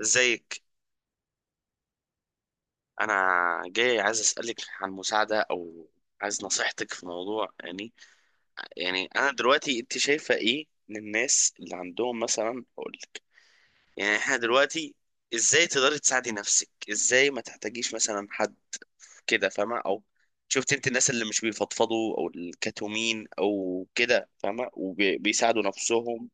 ازيك؟ انا جاي عايز اسالك عن مساعده او عايز نصيحتك في موضوع، يعني انا دلوقتي انت شايفه ايه من الناس اللي عندهم، مثلا اقول لك، يعني احنا دلوقتي ازاي تقدري تساعدي نفسك، ازاي ما تحتاجيش مثلا حد، كده فاهمه؟ او شفت انت الناس اللي مش بيفضفضوا او الكتومين او كده فاهمه وبيساعدوا نفسهم؟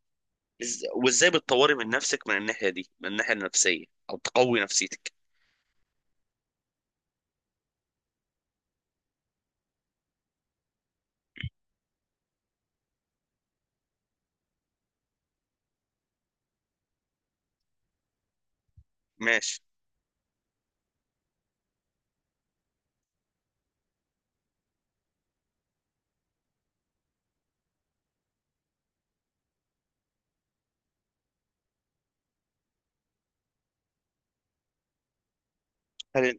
إز- وازاي بتطوري من نفسك من الناحيه دي، من الناحيه النفسيه او تقوي نفسيتك؟ ماشي. هل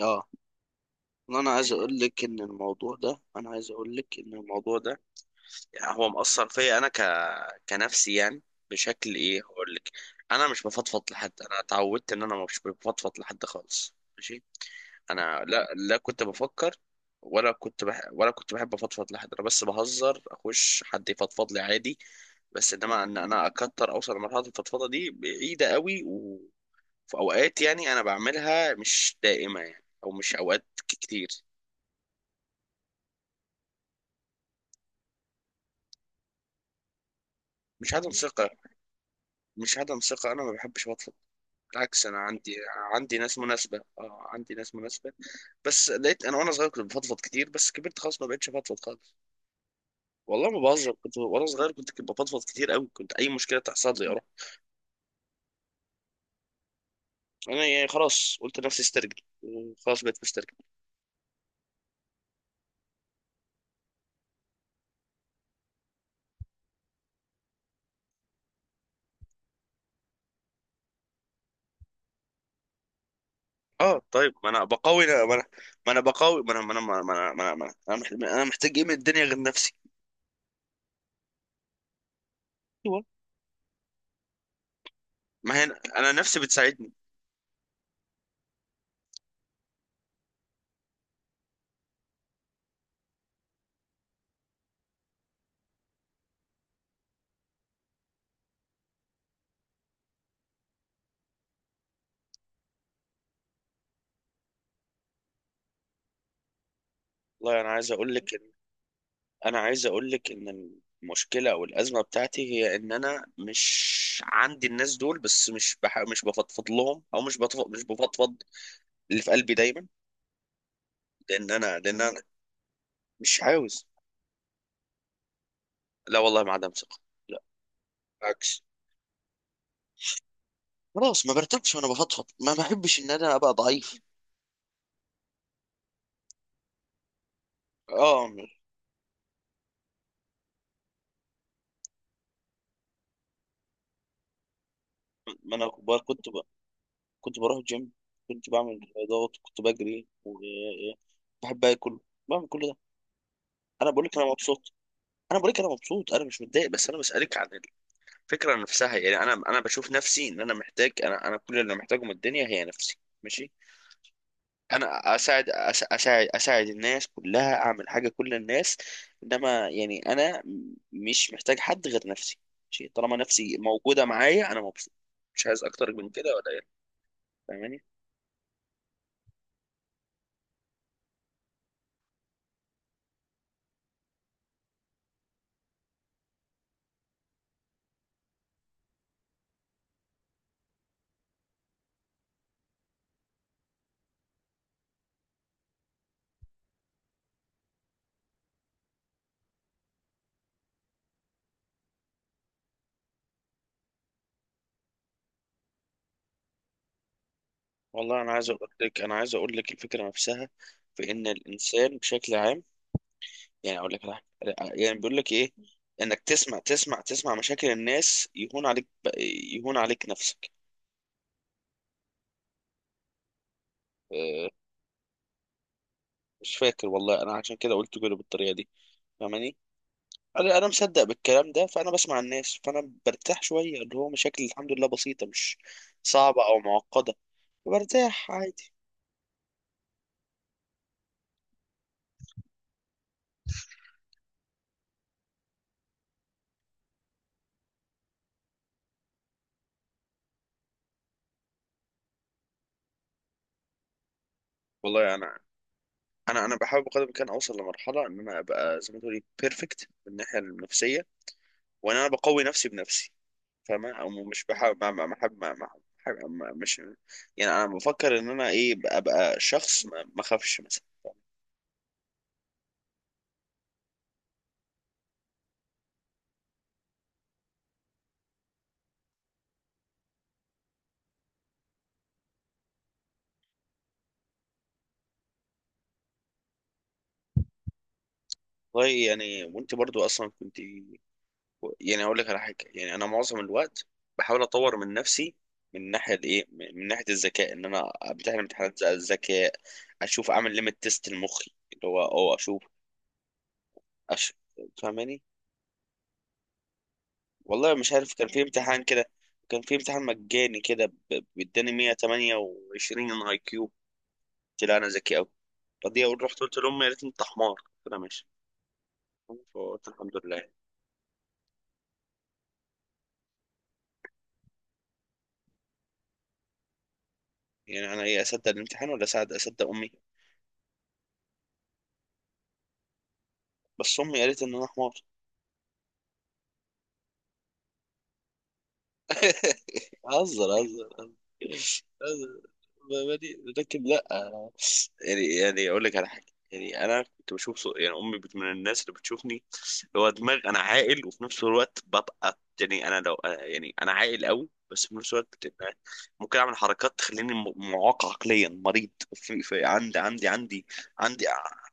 اه، انا عايز اقول لك ان الموضوع ده، انا عايز اقول لك ان الموضوع ده يعني هو مأثر فيا انا كنفسي، يعني بشكل ايه هقول لك. انا مش بفضفض لحد، انا اتعودت ان انا مش بفضفض لحد خالص. ماشي. انا لا كنت بفكر ولا كنت بحب افضفض لحد، انا بس بهزر، اخش حد يفضفض لي عادي، بس انما ان انا اكتر اوصل لمرحله الفضفضه دي بعيده قوي. وفي اوقات يعني انا بعملها، مش دائمه يعني او مش اوقات كتير. مش عدم ثقة مش عدم ثقة. أنا ما بحبش بطلب. بالعكس، أنا عندي، عندي ناس مناسبة، أه عندي ناس مناسبة، بس لقيت أنا وأنا صغير كنت بفضفض كتير، بس كبرت خلاص ما بقتش بفضفض خالص. والله ما بهزر، كنت وأنا صغير كنت بفضفض كتير أوي، كنت أي مشكلة تحصل لي أروح. أنا يعني خلاص قلت لنفسي استرجل، وخلاص بقيت مسترجل. أه طيب، ما أنا بقاوي، ما أنا ما أنا ما أنا ما أنا ما أنا أنا أنا محتاج إيه من الدنيا غير نفسي؟ أيوة. ما هي أنا نفسي بتساعدني. والله أنا عايز أقول لك، انا عايز اقول لك ان المشكله او الازمه بتاعتي هي ان انا مش عندي الناس دول، بس مش بفضفض لهم، او مش بفضفض اللي في قلبي دايما. لان انا مش عاوز. لا والله، ما عدم ثقه. لا، بالعكس. خلاص ما برتاحش وانا بفضفض، ما بحبش ان انا ابقى ضعيف. اه. ما انا ب- كنت ب... كنت بروح جيم، كنت بعمل رياضات، كنت بجري وبحب اكل، بعمل كل ده. انا بقول لك انا مبسوط. انا بقول لك انا مبسوط، انا مش متضايق، بس انا بسالك عن الفكرة نفسها يعني. أنا بشوف نفسي إن أنا محتاج، أنا كل اللي محتاجه من الدنيا هي نفسي. ماشي. أنا أساعد الناس كلها، أعمل حاجة كل الناس. إنما يعني أنا مش محتاج حد غير نفسي. ماشي، طالما نفسي موجودة معايا أنا مبسوط، مش عايز أكتر من كده ولا إيه؟ فاهماني. والله أنا عايز أقول لك، الفكرة نفسها في إن الإنسان بشكل عام، يعني أقول لك على حاجة. يعني بيقول لك إيه، إنك تسمع تسمع مشاكل الناس يهون عليك، يهون عليك نفسك. آه، مش فاكر والله. انا عشان كده قلت كده بالطريقه دي. فاهماني؟ انا مصدق بالكلام ده، فانا بسمع الناس فانا برتاح شويه، اللي هو مشاكل الحمد لله بسيطه، مش صعبه او معقده، برتاح عادي. والله انا، بحاول بقدر الامكان اوصل لمرحله ان انا ابقى زي ما تقولي بيرفكت من الناحيه النفسيه، وان انا بقوي نفسي بنفسي، فاهمه؟ او مش بحاول مش، يعني انا بفكر ان انا ايه، ابقى، أبقى شخص ما اخافش مثلا. والله يعني، وانت برضو اصلا كنت، يعني هقول لك على حاجه. يعني انا معظم الوقت بحاول اطور من نفسي من ناحيه الايه، من ناحيه الذكاء، ان انا امتحن امتحانات الذكاء، اشوف، اعمل ليميت تيست لمخي، اللي هو اه اشوف أش... فاهماني؟ والله مش عارف، كان في امتحان كده، كان في امتحان مجاني كده بيداني 128 اي كيو. قلت لا انا ذكي قوي. فدي رحت قلت لهم، يا ريت انت حمار، قلت لها ماشي. فقلت الحمد لله. يعني انا ايه، اصدق الامتحان ولا اصدق امي؟ بس امي قالت ان انا حمار. هزر، هزر، هزر. ما- ما دي- لكن لا أنا- يعني، اقول لك على حاجه. يعني انا كنت بشوف يعني امي من الناس اللي بتشوفني اللي هو دماغ، انا عاقل، وفي نفس الوقت ببقى، يعني انا لو، يعني انا عاقل قوي، بس في نفس الوقت بتبقى ممكن اعمل حركات تخليني معاق عقليا، مريض في، في، عندي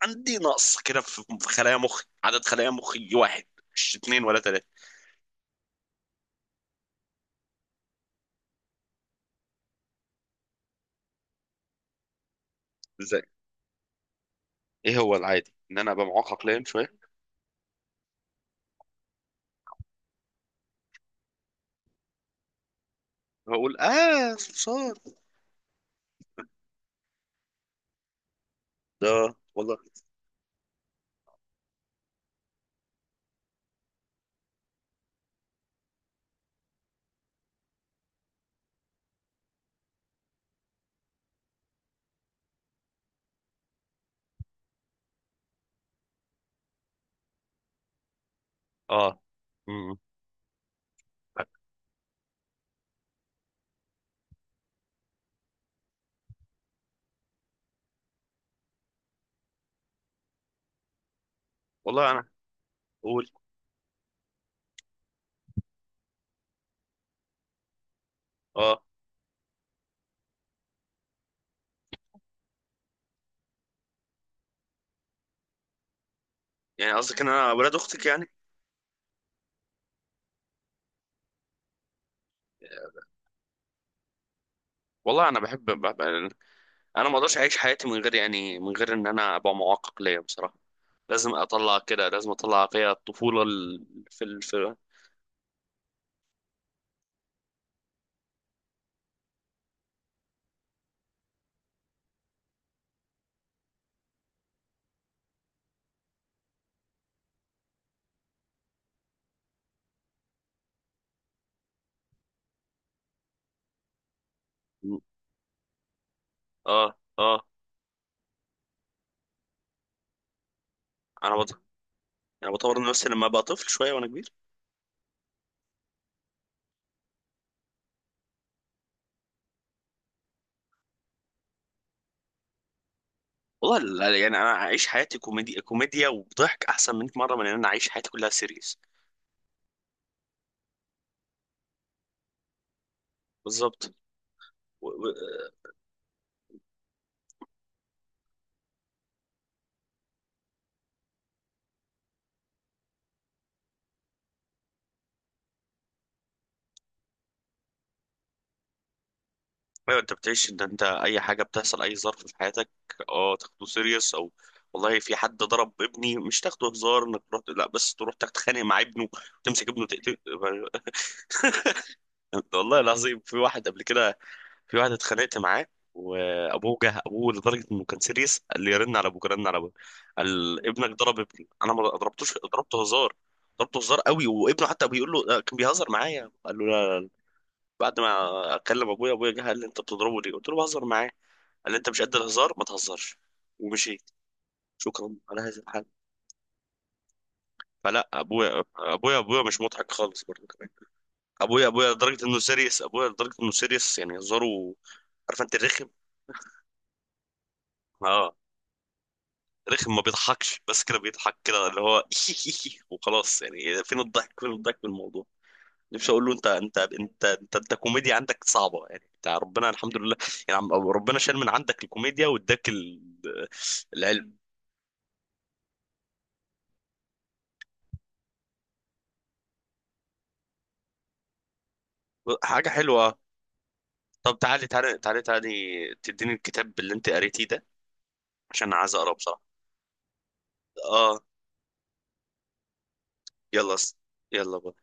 عندي نقص كده في خلايا مخي، عدد خلايا مخي واحد، مش اتنين ولا تلاته. ايه هو العادي؟ ان انا ابقى معقق لايم شويه؟ هقول اه صرصار ده؟ والله. اه. مم. والله انا، اقول. اه. يعني قصدك ان انا ولاد اختك يعني؟ والله انا بحب انا ما اقدرش اعيش حياتي من غير، يعني من غير ان انا ابقى معقق ليا بصراحه. لازم اطلع كده، لازم اطلع فيها الطفوله في، اه اه. انا بط... انا بطور من نفسي لما ابقى طفل شويه وانا كبير. والله يعني انا اعيش حياتي كوميديا، كوميديا وضحك احسن 100 مره من ان انا اعيش حياتي كلها سيريس. بالظبط. ايوه. انت بتعيش ان انت اي حاجه بتحصل، اي ظرف في حياتك، اه تاخده سيريس؟ او والله في حد ضرب ابني مش تاخده هزار انك تروح، لا، بس تروح تتخانق مع ابنه، تمسك ابنه تقتل. والله العظيم، في واحد قبل كده، في واحد اتخانقت معاه، وابوه جه، ابوه لدرجه انه كان سيريس، قال لي رن على ابوك، رن على ابوك. قال ابنك ضرب ابني. انا ما ضربتوش، ضربته هزار، ضربته هزار قوي، وابنه حتى بيقول له آه، كان بيهزر معايا، قال له لا. بعد ما اكلم ابويا، ابويا جه قال لي انت بتضربه ليه؟ قلت له بهزر معاه. قال لي انت مش قد الهزار ما تهزرش. ومشيت. شكرا على هذا الحل. فلا ابويا، مش مضحك خالص برضه كمان. ابويا لدرجه انه سيريس، يعني هزاره، عارف انت الرخم؟ اه، رخم ما بيضحكش، بس كده بيضحك كده اللي هو وخلاص. يعني فين الضحك، فين الضحك في الموضوع؟ نفسي اقول له انت، انت كوميديا عندك صعبه يعني. انت ربنا الحمد لله، يعني ربنا شال من عندك الكوميديا واداك العلم. حاجه حلوه. طب تعالي، تديني الكتاب اللي انت قريتيه ده، عشان عايز اقراه بصراحة. اه. يلا. يلا.